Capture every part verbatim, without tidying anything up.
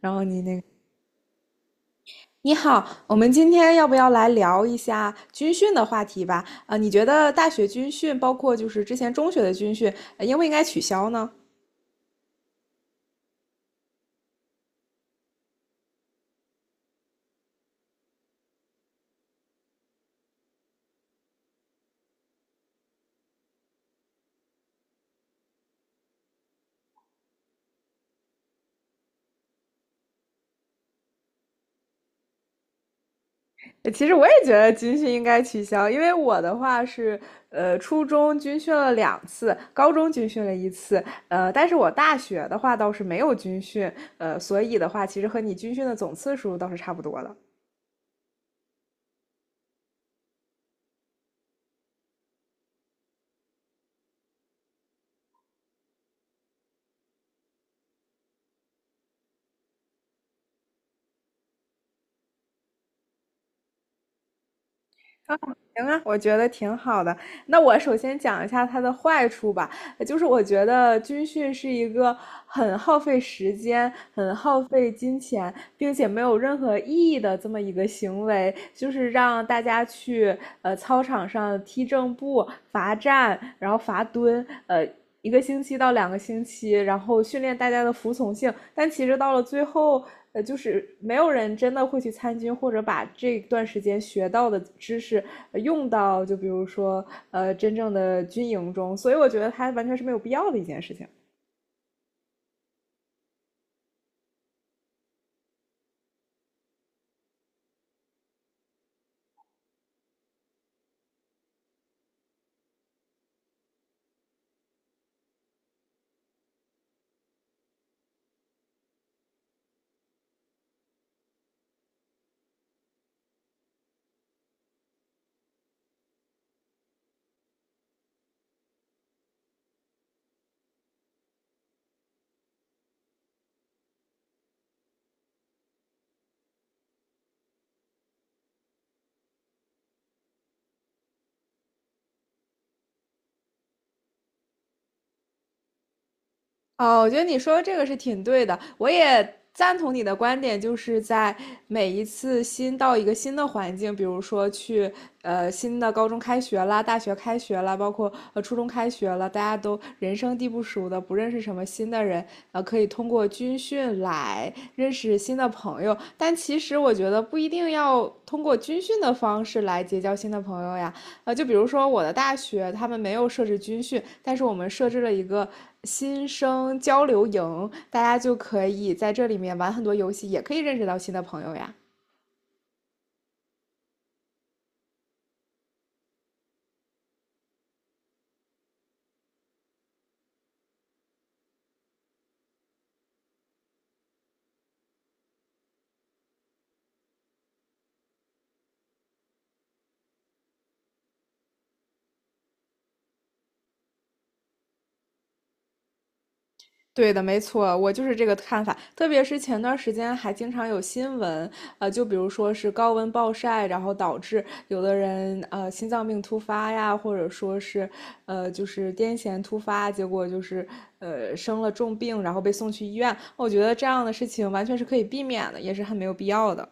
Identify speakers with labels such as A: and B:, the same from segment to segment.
A: 然后你那个，你好，我们今天要不要来聊一下军训的话题吧？啊、你觉得大学军训，包括就是之前中学的军训，呃应不应该取消呢？呃其实我也觉得军训应该取消，因为我的话是，呃，初中军训了两次，高中军训了一次，呃，但是我大学的话倒是没有军训，呃，所以的话，其实和你军训的总次数倒是差不多的。行啊，我觉得挺好的。那我首先讲一下它的坏处吧，就是我觉得军训是一个很耗费时间、很耗费金钱，并且没有任何意义的这么一个行为，就是让大家去呃操场上踢正步、罚站，然后罚蹲，呃。一个星期到两个星期，然后训练大家的服从性。但其实到了最后，呃，就是没有人真的会去参军，或者把这段时间学到的知识呃用到，就比如说呃真正的军营中。所以我觉得它完全是没有必要的一件事情。哦，我觉得你说的这个是挺对的，我也赞同你的观点，就是在每一次新到一个新的环境，比如说去呃新的高中开学啦、大学开学啦，包括呃初中开学了，大家都人生地不熟的，不认识什么新的人，呃，可以通过军训来认识新的朋友。但其实我觉得不一定要通过军训的方式来结交新的朋友呀，呃，就比如说我的大学，他们没有设置军训，但是我们设置了一个新生交流营，大家就可以在这里面玩很多游戏，也可以认识到新的朋友呀。对的，没错，我就是这个看法。特别是前段时间还经常有新闻，呃，就比如说是高温暴晒，然后导致有的人呃心脏病突发呀，或者说是呃就是癫痫突发，结果就是呃生了重病，然后被送去医院。我觉得这样的事情完全是可以避免的，也是很没有必要的。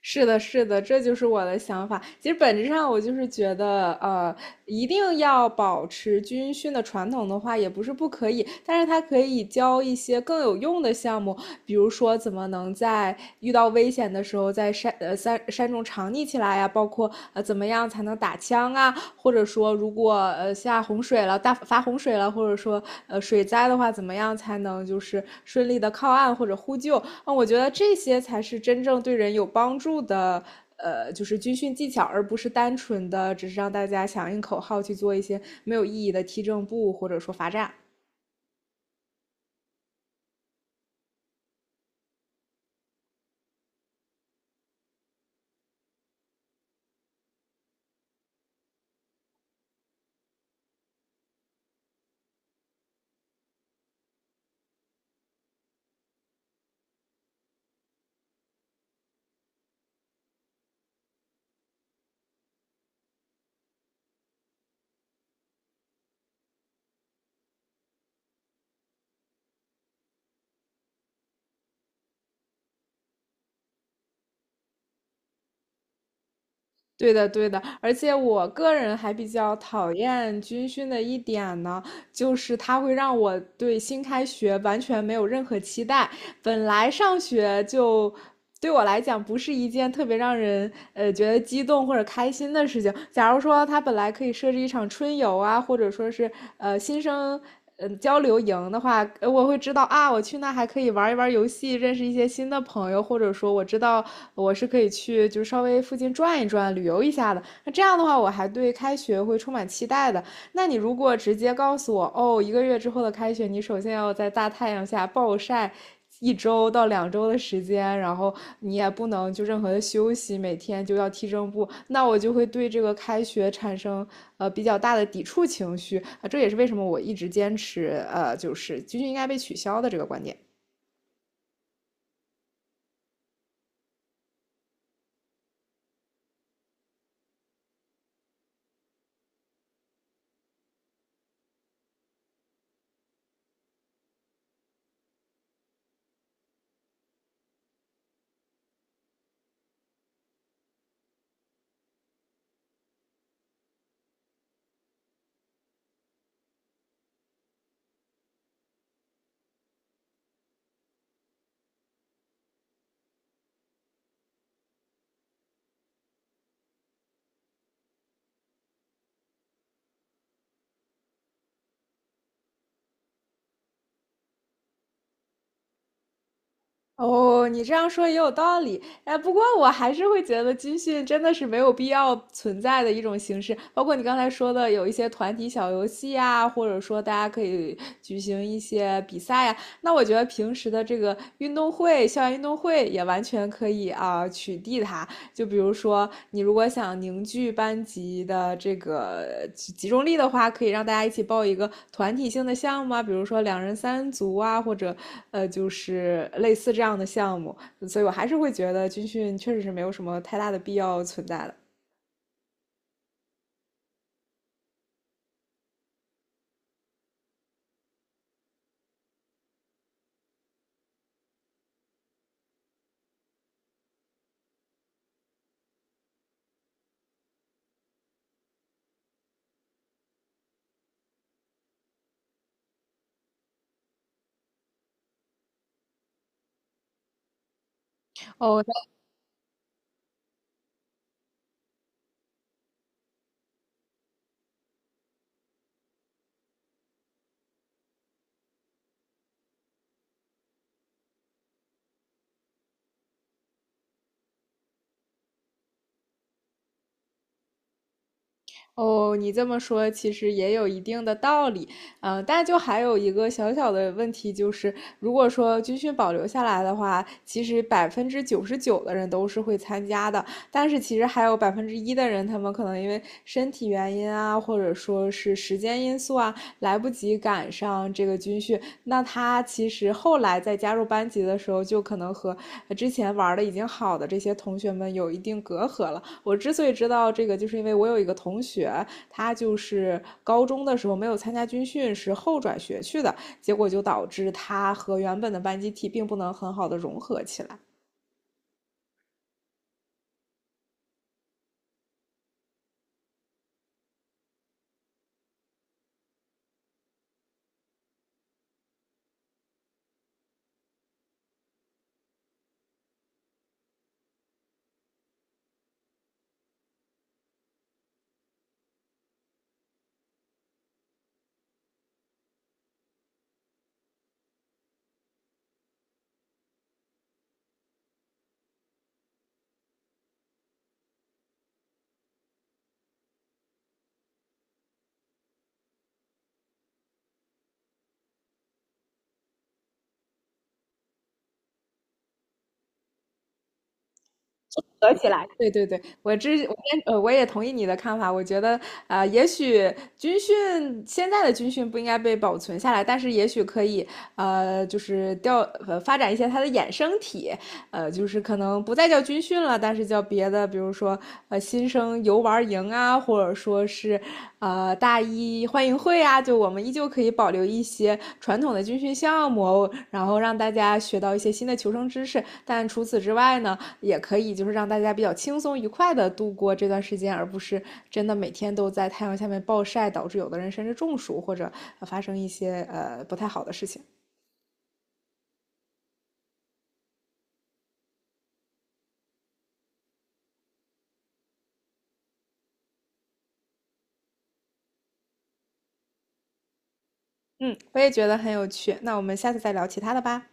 A: 是的，是的，这就是我的想法。其实本质上，我就是觉得，呃，一定要保持军训的传统的话，也不是不可以，但是它可以教一些更有用的项目，比如说怎么能在遇到危险的时候在山呃山山中藏匿起来呀、包括呃怎么样才能打枪啊。啊或者说如果呃下洪水了、大发洪水了，或者说呃水灾的话，怎么样才能就是顺利的靠岸或者呼救？啊，嗯我觉得这些才是真正对人有帮助的。呃，就是军训技巧，而不是单纯的只是让大家响应口号去做一些没有意义的踢正步或者说罚站。对的，对的，而且我个人还比较讨厌军训的一点呢，就是它会让我对新开学完全没有任何期待。本来上学就对我来讲不是一件特别让人呃觉得激动或者开心的事情。假如说他本来可以设置一场春游啊，或者说是呃新生嗯呃、交流营的话，呃我会知道啊，我去那还可以玩一玩游戏，认识一些新的朋友，或者说我知道我是可以去就稍微附近转一转、旅游一下的。那这样的话，我还对开学会充满期待的。那你如果直接告诉我，哦，一个月之后的开学，你首先要在大太阳下暴晒一周到两周的时间，然后你也不能就任何的休息，每天就要踢正步，那我就会对这个开学产生呃比较大的抵触情绪啊、呃这也是为什么我一直坚持呃就是军训应该被取消的这个观点。哦，你这样说也有道理，哎，不过我还是会觉得军训真的是没有必要存在的一种形式，包括你刚才说的有一些团体小游戏啊，或者说大家可以举行一些比赛呀，那我觉得平时的这个运动会、校园运动会也完全可以啊，取缔它。就比如说，你如果想凝聚班级的这个集中力的话，可以让大家一起报一个团体性的项目啊，比如说两人三足啊，或者呃，就是类似这样的项目。所以我还是会觉得军训确实是没有什么太大的必要存在的。哦哦，你这么说其实也有一定的道理，嗯、呃但就还有一个小小的问题，就是如果说军训保留下来的话，其实百分之九十九的人都是会参加的，但是其实还有百分之一的人，他们可能因为身体原因啊，或者说是时间因素啊，来不及赶上这个军训。那他其实后来在加入班级的时候，就可能和之前玩的已经好的这些同学们有一定隔阂了。我之所以知道这个，就是因为我有一个同学，他就是高中的时候没有参加军训，是后转学去的，结果就导致他和原本的班集体并不能很好的融合起来。合起来。对对对，我之我先呃我也同意你的看法，我觉得啊呃也许军训现在的军训不应该被保存下来，但是也许可以呃就是调呃发展一些它的衍生体，呃就是可能不再叫军训了，但是叫别的，比如说呃新生游玩营啊，或者说是呃大一欢迎会啊，就我们依旧可以保留一些传统的军训项目，然后让大家学到一些新的求生知识。但除此之外呢，也可以就是让大家比较轻松愉快的度过这段时间，而不是真的每天都在太阳下面暴晒，导致有的人甚至中暑或者发生一些呃不太好的事情。嗯，我也觉得很有趣。那我们下次再聊其他的吧。